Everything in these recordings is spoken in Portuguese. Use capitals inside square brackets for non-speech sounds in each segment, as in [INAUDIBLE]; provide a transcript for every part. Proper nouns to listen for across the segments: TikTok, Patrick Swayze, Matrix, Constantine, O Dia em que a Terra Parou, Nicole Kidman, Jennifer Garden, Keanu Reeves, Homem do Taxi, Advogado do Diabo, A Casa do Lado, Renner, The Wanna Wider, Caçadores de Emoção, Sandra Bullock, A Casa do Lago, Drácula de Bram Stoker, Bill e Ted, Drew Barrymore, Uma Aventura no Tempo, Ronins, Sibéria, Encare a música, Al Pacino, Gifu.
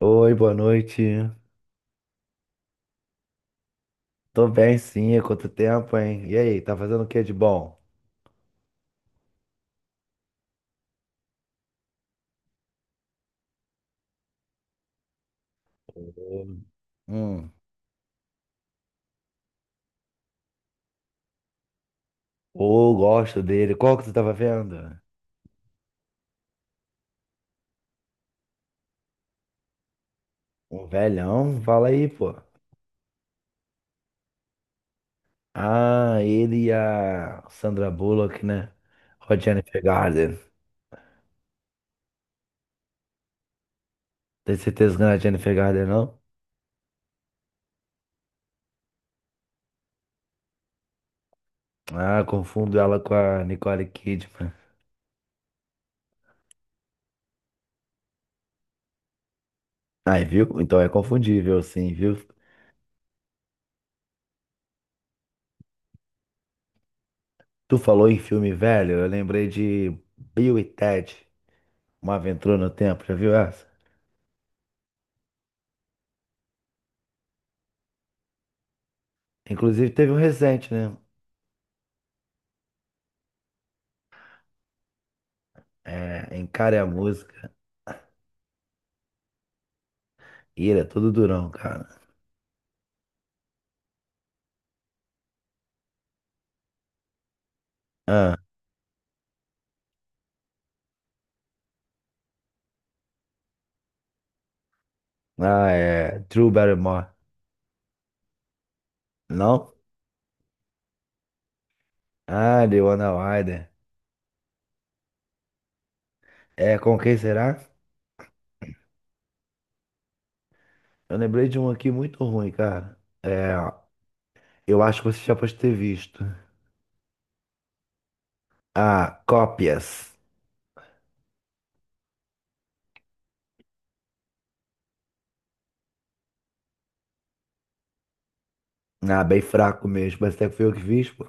Oi, boa noite. Tô bem, sim. Há quanto tempo, hein? E aí, tá fazendo o que de bom? Hum. Ô, gosto dele. Qual que tu tava vendo? Um velhão? Fala aí, pô. Ah, ele e a Sandra Bullock, né? Com a Jennifer Garden. Tem certeza que não é a Jennifer Garden, não? Ah, confundo ela com a Nicole Kidman. Aí, viu? Então é confundível, sim, viu? Tu falou em filme velho, eu lembrei de Bill e Ted, Uma Aventura no Tempo, já viu essa? Inclusive teve um recente, né? É, Encare a música. Ira, todo durão, cara. Ah, ah, é. Drew Barrymore. Não? Ah, The Wanna Wider. É, com quem será? Eu lembrei de um aqui muito ruim, cara. É, eu acho que você já pode ter visto. Ah, cópias. Ah, bem fraco mesmo. Mas até que foi eu que fiz, pô.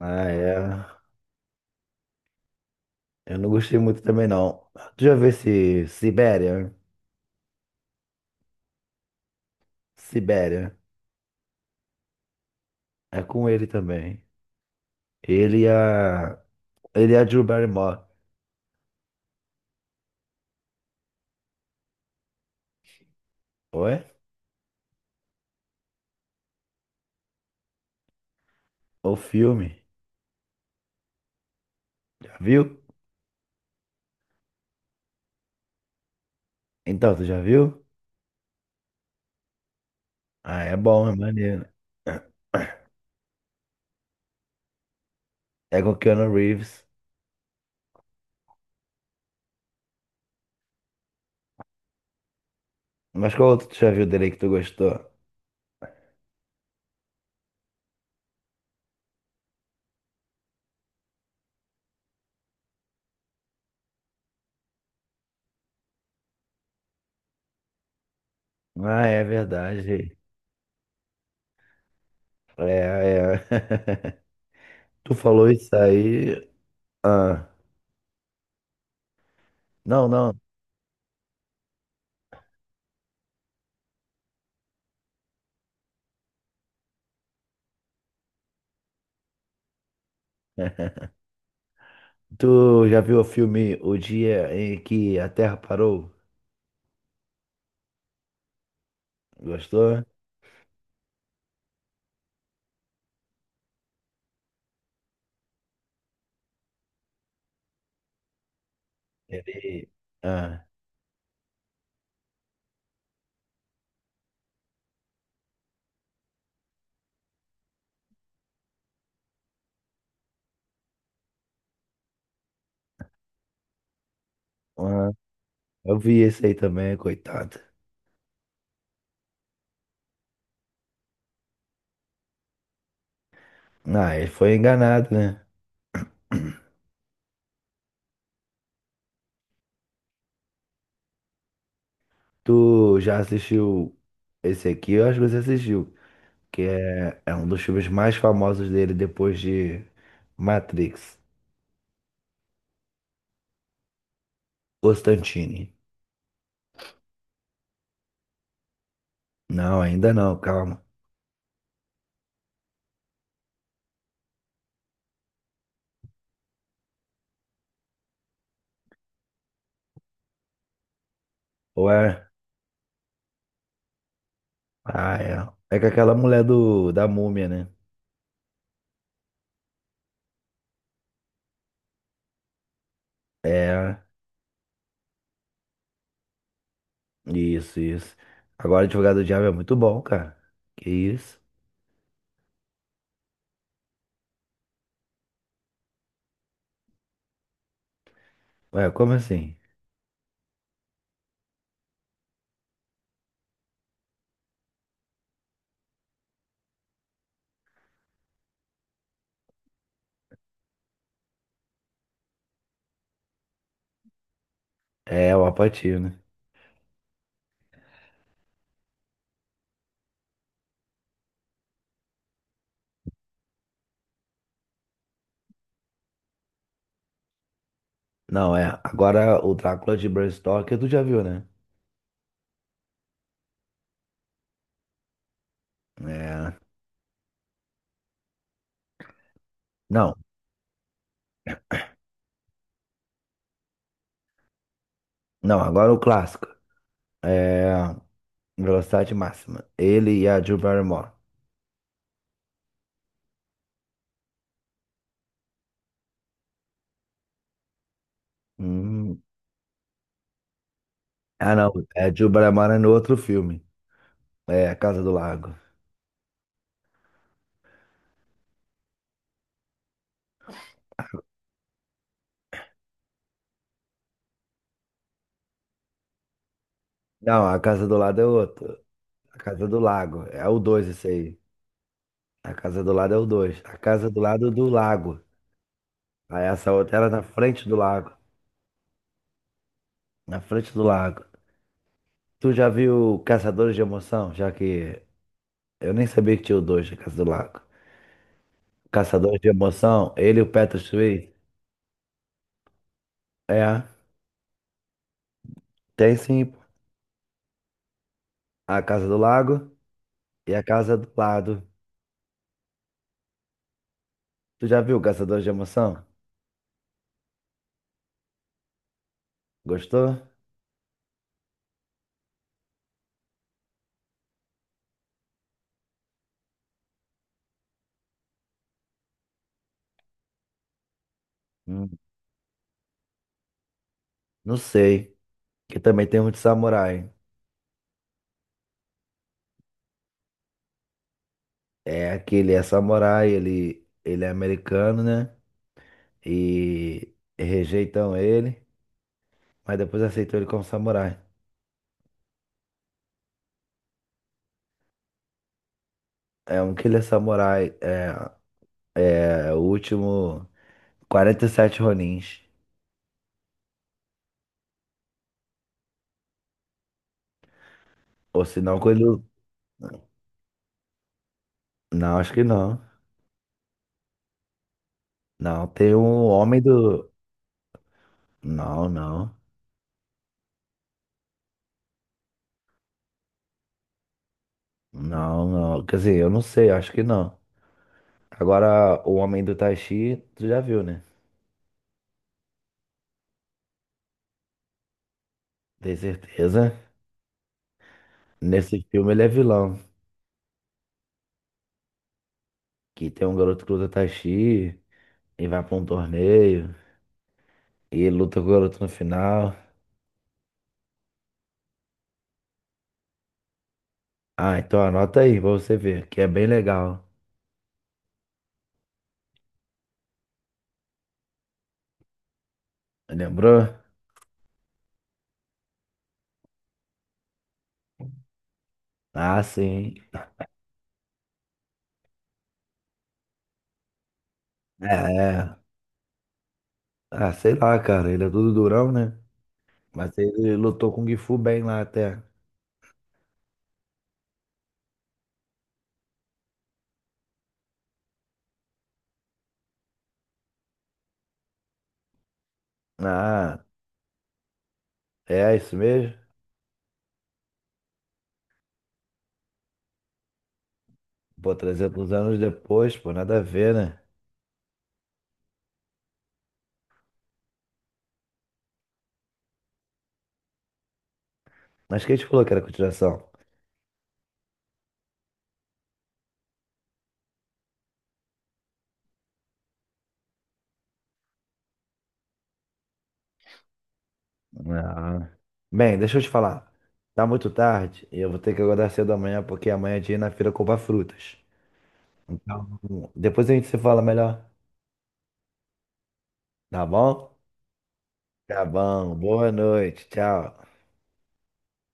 Ah, é. Eu não gostei muito também, não. Tu já viu esse Sibéria? Sibéria. É com ele também. Ele e a Ele é a Drew Barrymore. Oi? O filme. Já viu? Então, tu já viu? Ah, é bom, é maneiro. É com o Keanu Reeves. Mas qual outro tu já viu dele aí que tu gostou? Ah, é verdade. É, é. [LAUGHS] Tu falou isso aí. Ah, não, não. [LAUGHS] Tu já viu o filme O Dia em que a Terra Parou? Gostou? Ele. Ah, ah, eu vi esse aí também, coitado. Ah, ele foi enganado, né? Tu já assistiu esse aqui? Eu acho que você assistiu, que é, é um dos filmes mais famosos dele depois de Matrix, Constantine. Não, ainda não, calma. Ou é? Ah, é. É com aquela mulher do, da múmia, né? É, isso, isso. Agora, Advogado do Diabo é muito bom, cara. Que isso? Ué, como assim? É, é o Al Pacino. Não, é. Agora o Drácula de Bram Stoker, tu já viu, né? É. Não, não, agora o clássico. É, velocidade máxima. Ele e a Drew Barrymore. Hum. Ah, não. É, Drew Barrymore é no outro filme. É, A Casa do Lago. Não, A Casa do Lado é outro. A Casa do Lago. É o 2 esse aí. A Casa do Lado é o 2. A Casa do Lado do Lago. Aí essa outra era na frente do lago. Na frente do lago. Tu já viu Caçadores de Emoção? Já que eu nem sabia que tinha o 2 da Casa do Lago. Caçadores de Emoção, ele e o Patrick Swayze. É, tem sim. A Casa do Lago. E a casa do lado. Tu já viu Caçador de Emoção? Gostou? Hum, não sei. Que também tem um de samurai. É aquele é samurai, ele é americano, né? E rejeitam ele, mas depois aceitou ele como samurai. É um que ele é samurai, é, é o último 47 Ronins. Ou se não, quando. Não, acho que não. Não, tem um homem do. Não, não. Não, não. Quer dizer, eu não sei, acho que não. Agora, o Homem do Taxi, tu já viu, né? Tem certeza. Nesse filme ele é vilão. Que tem um garoto que luta Taxi e vai pra um torneio e luta com o garoto no final. Ah, então anota aí pra você ver, que é bem legal. Lembrou? Ah, sim. É, é. Ah, sei lá, cara. Ele é tudo durão, né? Mas ele lutou com o Gifu bem lá até. Ah, é isso mesmo? Pô, 300 anos depois, pô, nada a ver, né? Mas quem te falou que era continuação? Ah. Bem, deixa eu te falar. Tá muito tarde e eu vou ter que acordar cedo amanhã porque amanhã é dia de ir na feira comprar frutas. Então, depois a gente se fala melhor, tá bom? Tá bom. Boa noite. Tchau.